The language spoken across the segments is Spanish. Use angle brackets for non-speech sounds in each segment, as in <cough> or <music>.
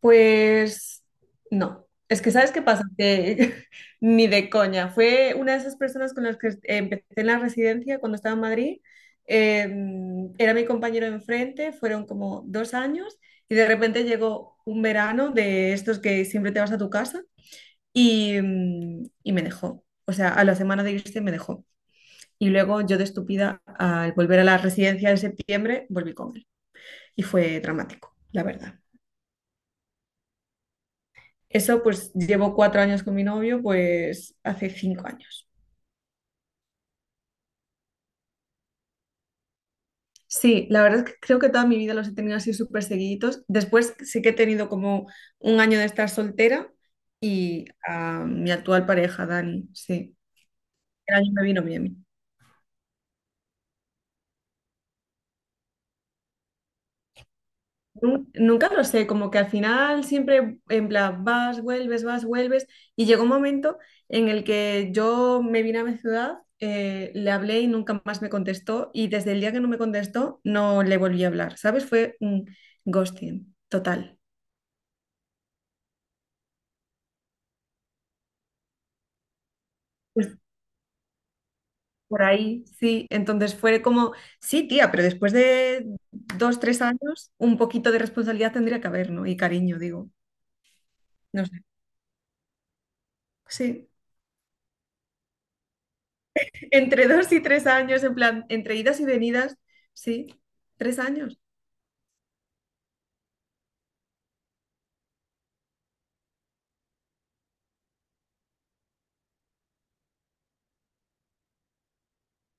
Pues no, es que ¿sabes qué pasa? Que <laughs> ni de coña. Fue una de esas personas con las que empecé en la residencia cuando estaba en Madrid. Eh, Era mi compañero de enfrente, fueron como 2 años y de repente llegó un verano de estos que siempre te vas a tu casa y me dejó. O sea, a la semana de irse me dejó. Y luego yo de estúpida, al volver a la residencia en septiembre, volví con él. Y fue dramático, la verdad. Eso pues llevo 4 años con mi novio, pues hace 5 años. Sí, la verdad es que creo que toda mi vida los he tenido así súper seguiditos. Después sí que he tenido como un año de estar soltera y a mi actual pareja, Dani, sí. El año me vino bien. Nunca lo sé, como que al final siempre en plan vas, vuelves, vas, vuelves. Y llegó un momento en el que yo me vine a mi ciudad, le hablé y nunca más me contestó. Y desde el día que no me contestó, no le volví a hablar, ¿sabes? Fue un ghosting total. Pues por ahí, sí. Entonces fue como, sí, tía, pero después de 2, 3 años, un poquito de responsabilidad tendría que haber, ¿no? Y cariño, digo, no sé. Sí. Entre 2 y 3 años, en plan, entre idas y venidas, sí, 3 años.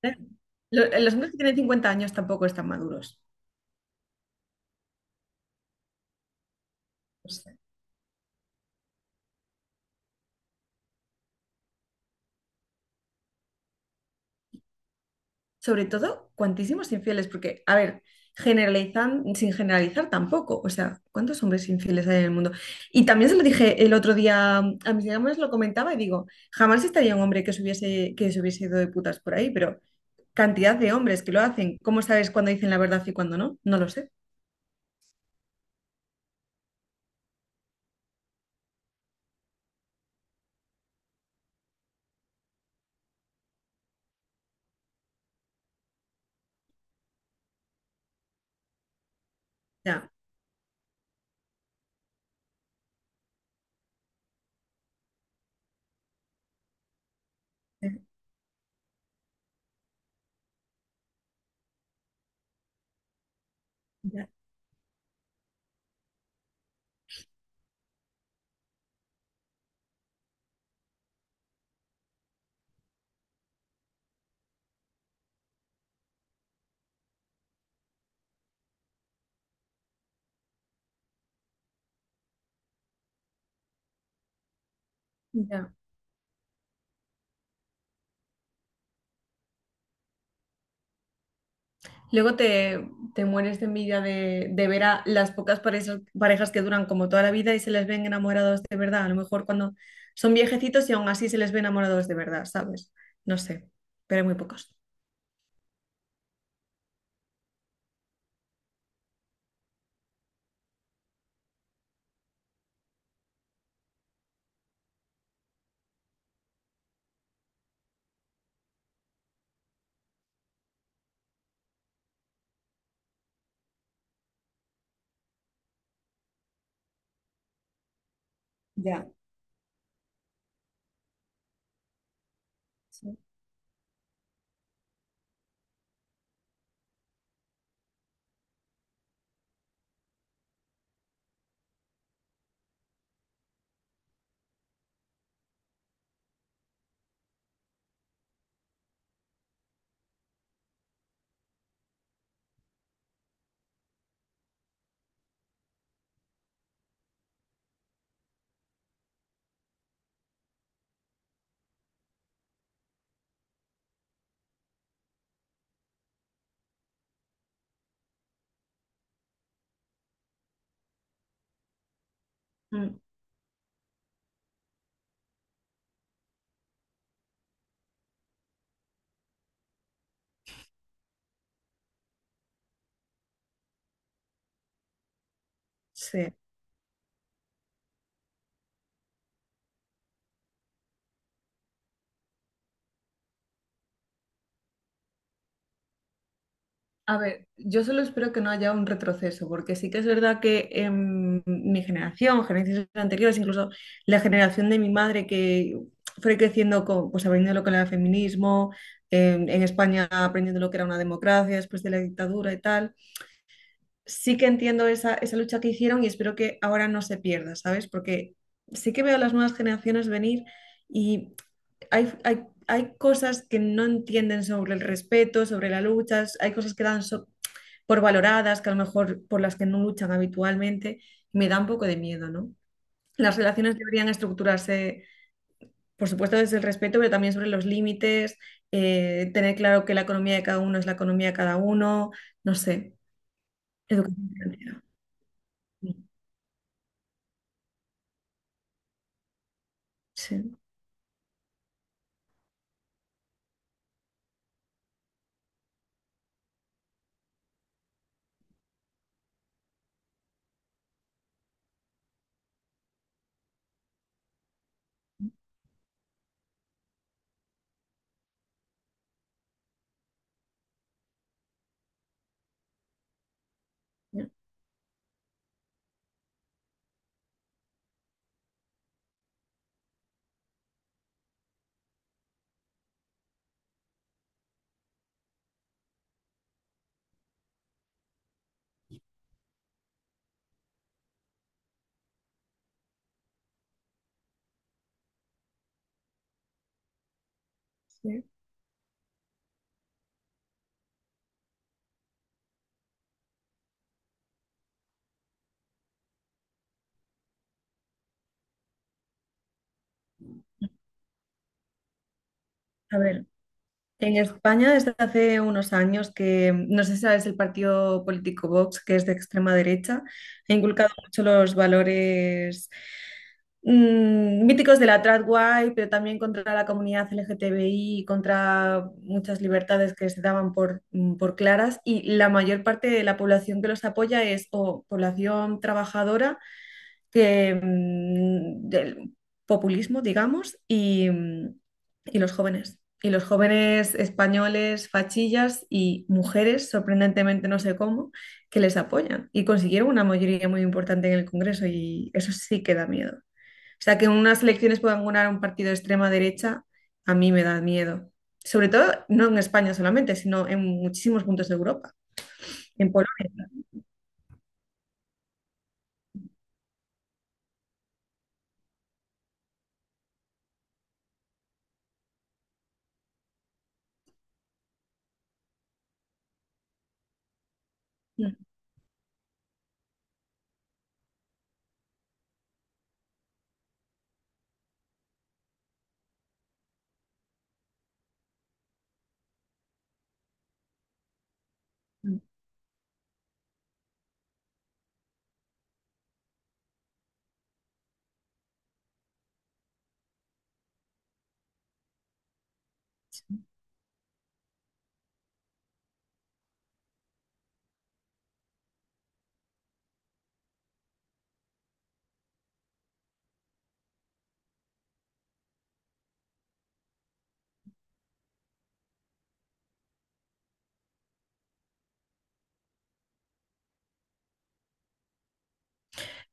Eh, Los hombres que tienen 50 años tampoco están maduros. O sea, sobre todo, cuantísimos infieles, porque, a ver, generalizan, sin generalizar tampoco. O sea, ¿cuántos hombres infieles hay en el mundo? Y también se lo dije el otro día a mis amigas, lo comentaba y digo, jamás estaría un hombre que se hubiese ido de putas por ahí, pero cantidad de hombres que lo hacen, ¿cómo sabes cuándo dicen la verdad y cuándo no? No lo sé. Ya, eh, ya, ya. Luego te, te mueres de envidia de ver a las pocas parejas, parejas que duran como toda la vida y se les ven enamorados de verdad. A lo mejor cuando son viejecitos y aún así se les ve enamorados de verdad, ¿sabes? No sé, pero hay muy pocos. Ya. Sí. Mm, sí. A ver, yo solo espero que no haya un retroceso, porque sí que es verdad que mi generación, generaciones anteriores, incluso la generación de mi madre que fue creciendo con, pues aprendiendo lo que era el feminismo, en España aprendiendo lo que era una democracia después de la dictadura y tal, sí que entiendo esa, esa lucha que hicieron y espero que ahora no se pierda, ¿sabes? Porque sí que veo a las nuevas generaciones venir y hay cosas que no entienden sobre el respeto, sobre la lucha, hay cosas que dan por valoradas, que a lo mejor por las que no luchan habitualmente, me da un poco de miedo, ¿no? Las relaciones deberían estructurarse, por supuesto, desde el respeto, pero también sobre los límites, tener claro que la economía de cada uno es la economía de cada uno, no sé, educación financiera. Sí, sí. Sí. A ver, en España, desde hace unos años que, no sé si sabes, el partido político Vox, que es de extrema derecha, ha inculcado mucho los valores míticos de la tradway, pero también contra la comunidad LGTBI, y contra muchas libertades que se daban por claras, y la mayor parte de la población que los apoya es o población trabajadora que, del populismo, digamos, y los jóvenes. Y los jóvenes españoles, fachillas y mujeres, sorprendentemente no sé cómo, que les apoyan. Y consiguieron una mayoría muy importante en el Congreso y eso sí que da miedo. O sea, que en unas elecciones puedan ganar un partido de extrema derecha, a mí me da miedo. Sobre todo, no en España solamente, sino en muchísimos puntos de Europa, en Polonia.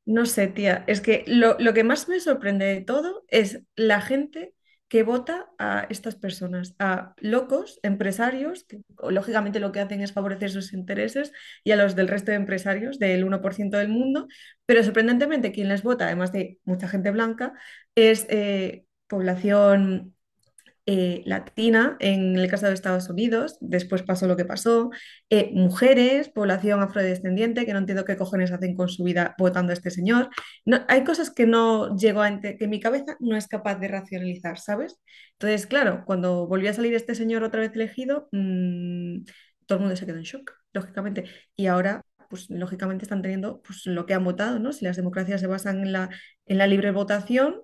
No sé, tía, es que lo que más me sorprende de todo es la gente que vota a estas personas, a locos, empresarios, que o, lógicamente lo que hacen es favorecer sus intereses, y a los del resto de empresarios del 1% del mundo, pero sorprendentemente quien les vota, además de mucha gente blanca, es población latina en el caso de Estados Unidos, después pasó lo que pasó, mujeres, población afrodescendiente, que no entiendo qué cojones hacen con su vida votando a este señor. No, hay cosas que no llego a que mi cabeza no es capaz de racionalizar, ¿sabes? Entonces, claro, cuando volvió a salir este señor otra vez elegido, todo el mundo se quedó en shock, lógicamente. Y ahora, pues lógicamente están teniendo pues, lo que han votado, ¿no? Si las democracias se basan en la, libre votación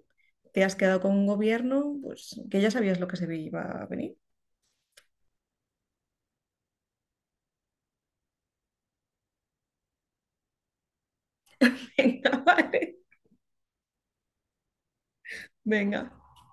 te has quedado con un gobierno pues, que ya sabías lo que se iba a venir. <laughs> Venga, vale, venga.